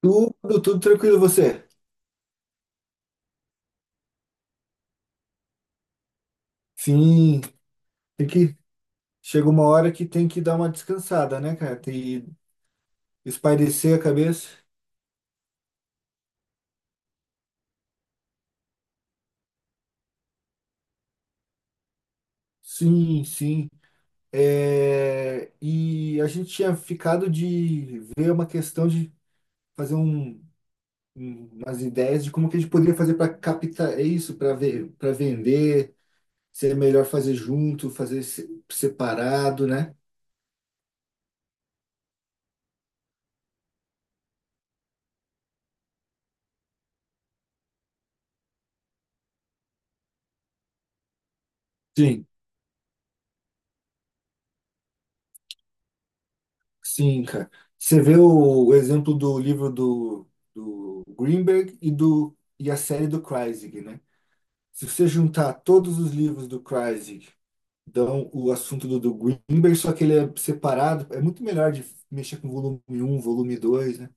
Tudo, tudo tranquilo, você? Sim, tem que. Chega uma hora que tem que dar uma descansada, né, cara? Tem que espairecer a cabeça. Sim, sim. É, e a gente tinha ficado de ver uma questão de fazer umas ideias de como que a gente poderia fazer para captar é isso, para ver, para vender, se é melhor fazer junto, fazer separado, né? Sim. Sim, cara. Você vê o exemplo do livro do Greenberg e a série do Kreisig, né? Se você juntar todos os livros do Kreisig, dão o assunto do Greenberg, só que ele é separado, é muito melhor de mexer com volume um, volume dois, né?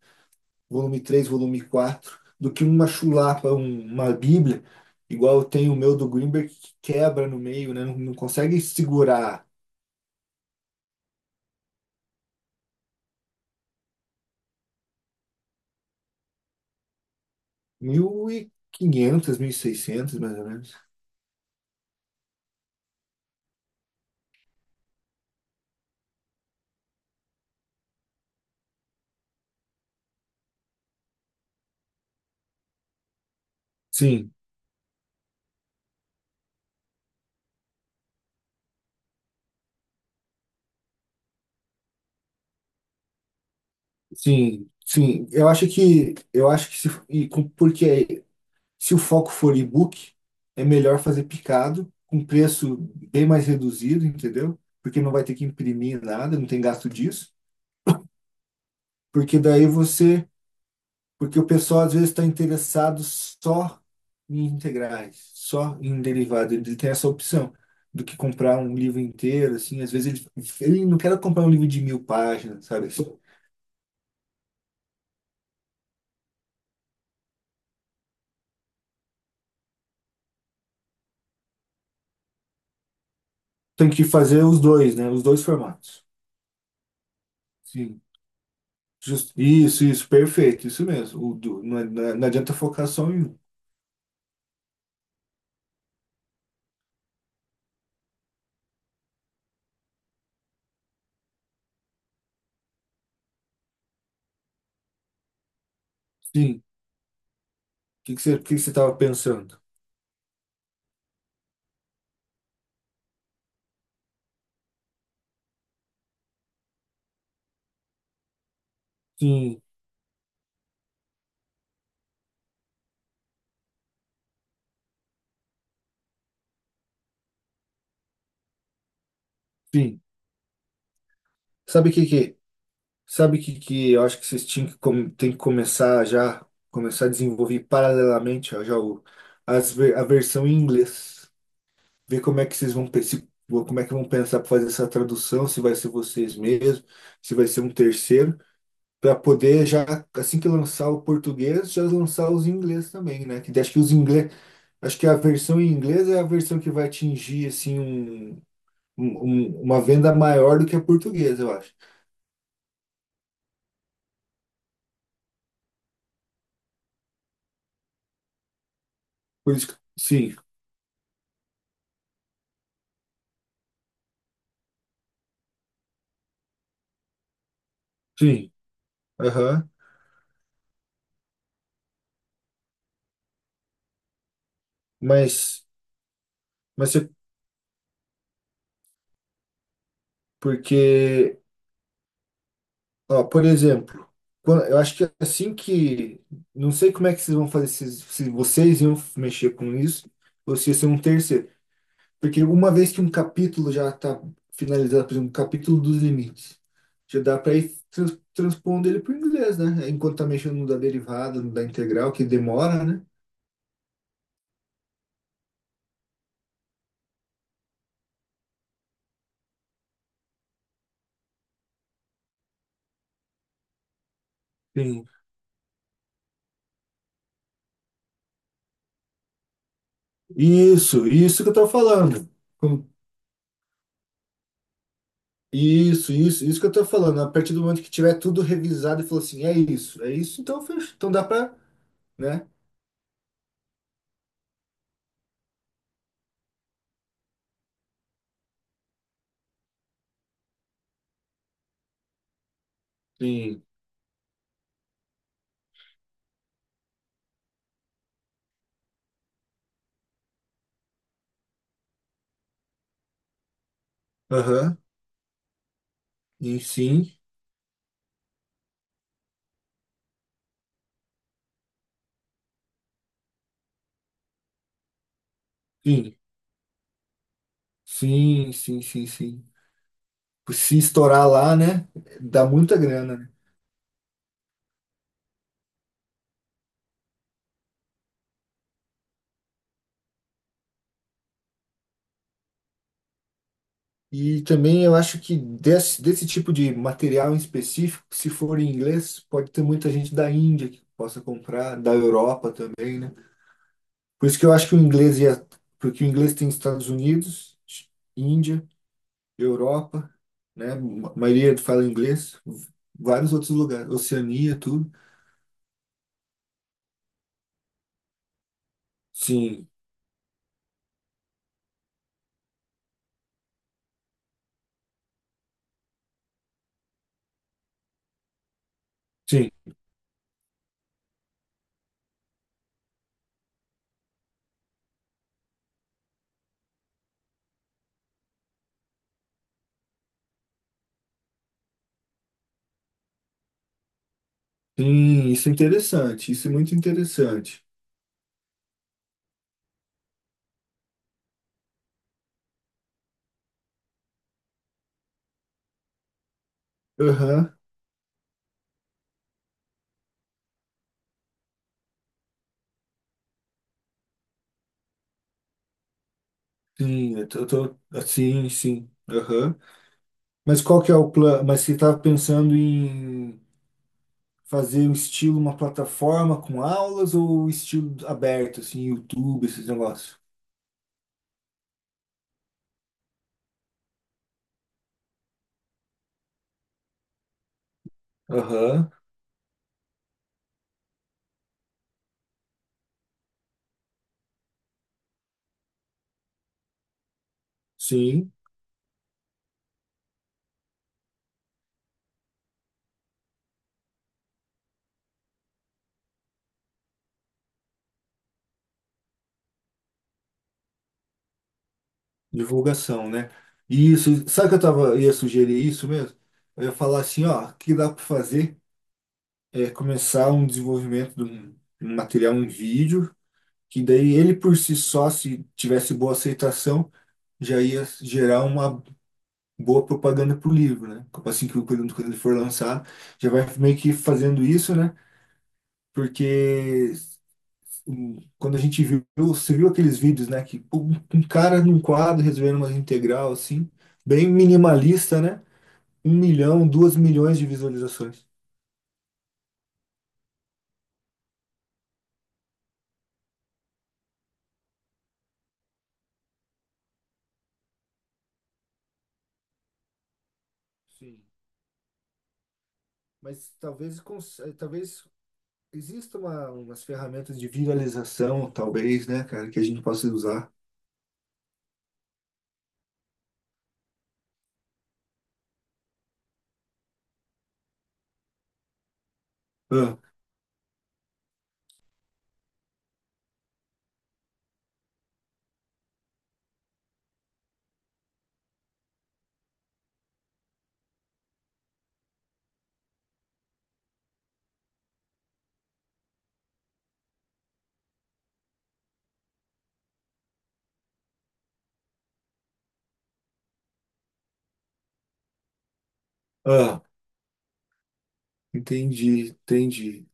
Volume três, volume 4 do que uma chulapa, uma bíblia, igual eu tenho o meu do Greenberg, que quebra no meio, né? Não, não consegue segurar mil, 1.500, mil e 1.600, mais ou menos. Sim. Sim, sim. Eu acho que se, e com- porque se o foco for e-book, é melhor fazer picado com preço bem mais reduzido, entendeu? Porque não vai ter que imprimir nada, não tem gasto disso. Porque daí você, porque o pessoal às vezes está interessado só em integrais, só em derivado. Ele tem essa opção do que comprar um livro inteiro, assim. Às vezes ele não quer comprar um livro de 1.000 páginas, sabe? Tem que fazer os dois, né? Os dois formatos. Sim. Isso, isso, perfeito, isso mesmo. Não, é, não é, não adianta focar só em um. Sim. O que que você estava pensando? Sim, sim. Sabe o que que, sabe o que que eu acho que vocês tem que começar já, começar a desenvolver paralelamente ó, já o, as, ver- a versão em inglês. Ver como é que vocês vão como é que vão pensar para fazer essa tradução, se vai ser vocês mesmos, se vai ser um terceiro, para poder já assim que lançar o português, já lançar os em inglês também, né? Que acho que os inglês Acho que a versão em inglês é a versão que vai atingir assim uma venda maior do que a portuguesa, eu acho. Por isso que, sim, sim. Aham. Mas mas é porque, ó, por exemplo, eu acho que assim que não sei como é que vocês vão fazer se vocês iam mexer com isso ou se ia ser um terceiro. Porque uma vez que um capítulo já está finalizado, por exemplo, o capítulo dos limites, já dá para ir transpondo ele para o inglês, né? É, enquanto está mexendo no da derivada, no da integral, que demora, né? Sim. Isso que eu estou falando. Com- Isso, isso, isso que eu estou falando. A partir do momento que tiver tudo revisado e falou assim, é isso, então fecha. Então dá para, né? Sim. Aham. E sim, sim. Sim, sim, sim, sim. Se estourar lá, né? Dá muita grana. E também eu acho que desse tipo de material em específico, se for em inglês, pode ter muita gente da Índia que possa comprar, da Europa também, né? Por isso que eu acho que o inglês ia, porque o inglês tem Estados Unidos, Índia, Europa, né? A maioria fala inglês, vários outros lugares, Oceania, tudo. Sim, sim, sim, isso é interessante, isso é muito interessante. Aham, sim, eu tô, sim, sim, aham. Mas qual que é o plano? Mas você estava pensando em fazer o estilo uma plataforma com aulas ou um estilo aberto, assim, YouTube, esses negócios? Aham, sim, divulgação, né? Isso, sabe que eu tava, ia sugerir isso mesmo? Eu ia falar assim, ó, o que dá para fazer é começar um desenvolvimento de um material, um vídeo, que daí ele por si só, se tivesse boa aceitação, já ia gerar uma boa propaganda pro livro, né? Assim que o produto, quando ele for lançar, já vai meio que fazendo isso, né? Porque quando você viu aqueles vídeos, né? Que um cara num quadro resolvendo uma integral, assim, bem minimalista, né? 1 milhão, 2 milhões de visualizações. Sim. Mas talvez, talvez exista umas ferramentas de viralização, talvez, né, cara, que a gente possa usar. Ah, ah, entendi, entendi.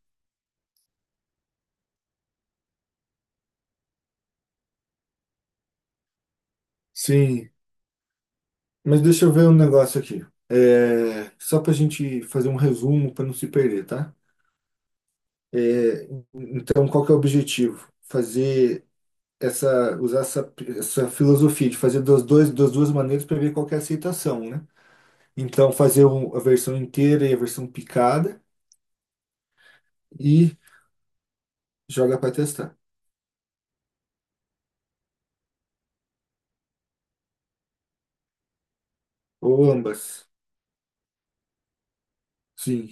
Sim, mas deixa eu ver um negócio aqui. É, só para a gente fazer um resumo para não se perder, tá? É, então, qual que é o objetivo? Usar essa filosofia de fazer das duas maneiras para ver qual que é a aceitação, né? Então, fazer a versão inteira e a versão picada e joga para testar. Ou ambas. Sim,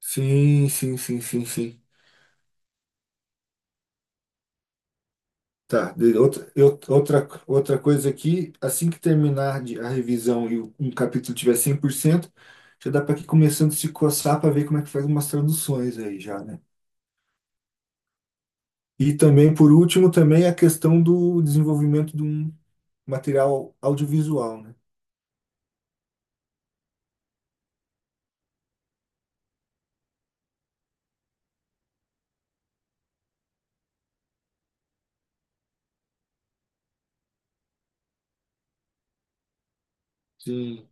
sim, sim, sim, sim, sim. Tá, outra coisa aqui, assim que terminar a revisão e um capítulo tiver 100% já dá para ir começando a se coçar para ver como é que faz umas traduções aí já, né? E também, por último, também a questão do desenvolvimento de um material audiovisual, né? Sim.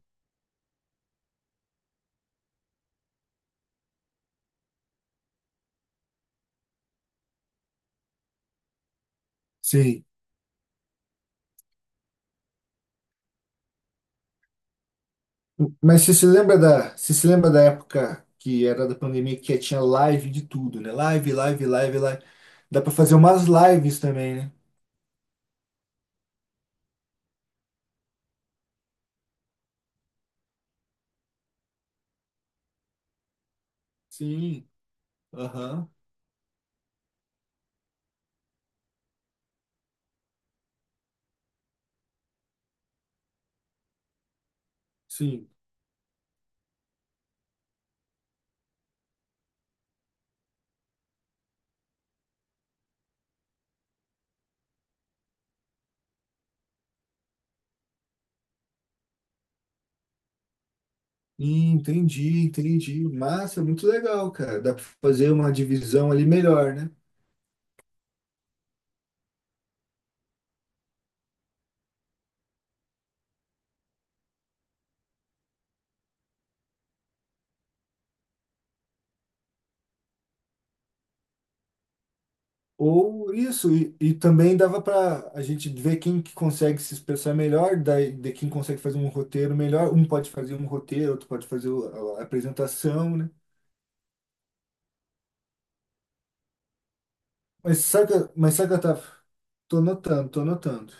Sim. Mas você se lembra da época que era da pandemia que tinha live de tudo, né? Live, live, live, live. Dá para fazer umas lives também, né? Sim, aham, sim. Entendi, entendi. Massa, muito legal, cara. Dá para fazer uma divisão ali melhor, né? Ou isso, e também dava para a gente ver quem que consegue se expressar melhor, daí, de quem consegue fazer um roteiro melhor. Um pode fazer um roteiro, outro pode fazer a apresentação, né? Mas saca, tá, tô notando, tô notando.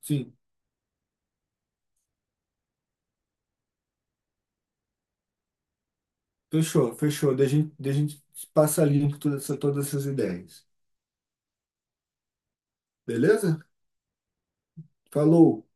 Sim, fechou, fechou. Daí a gente passa limpo todas essas ideias. Beleza? Falou!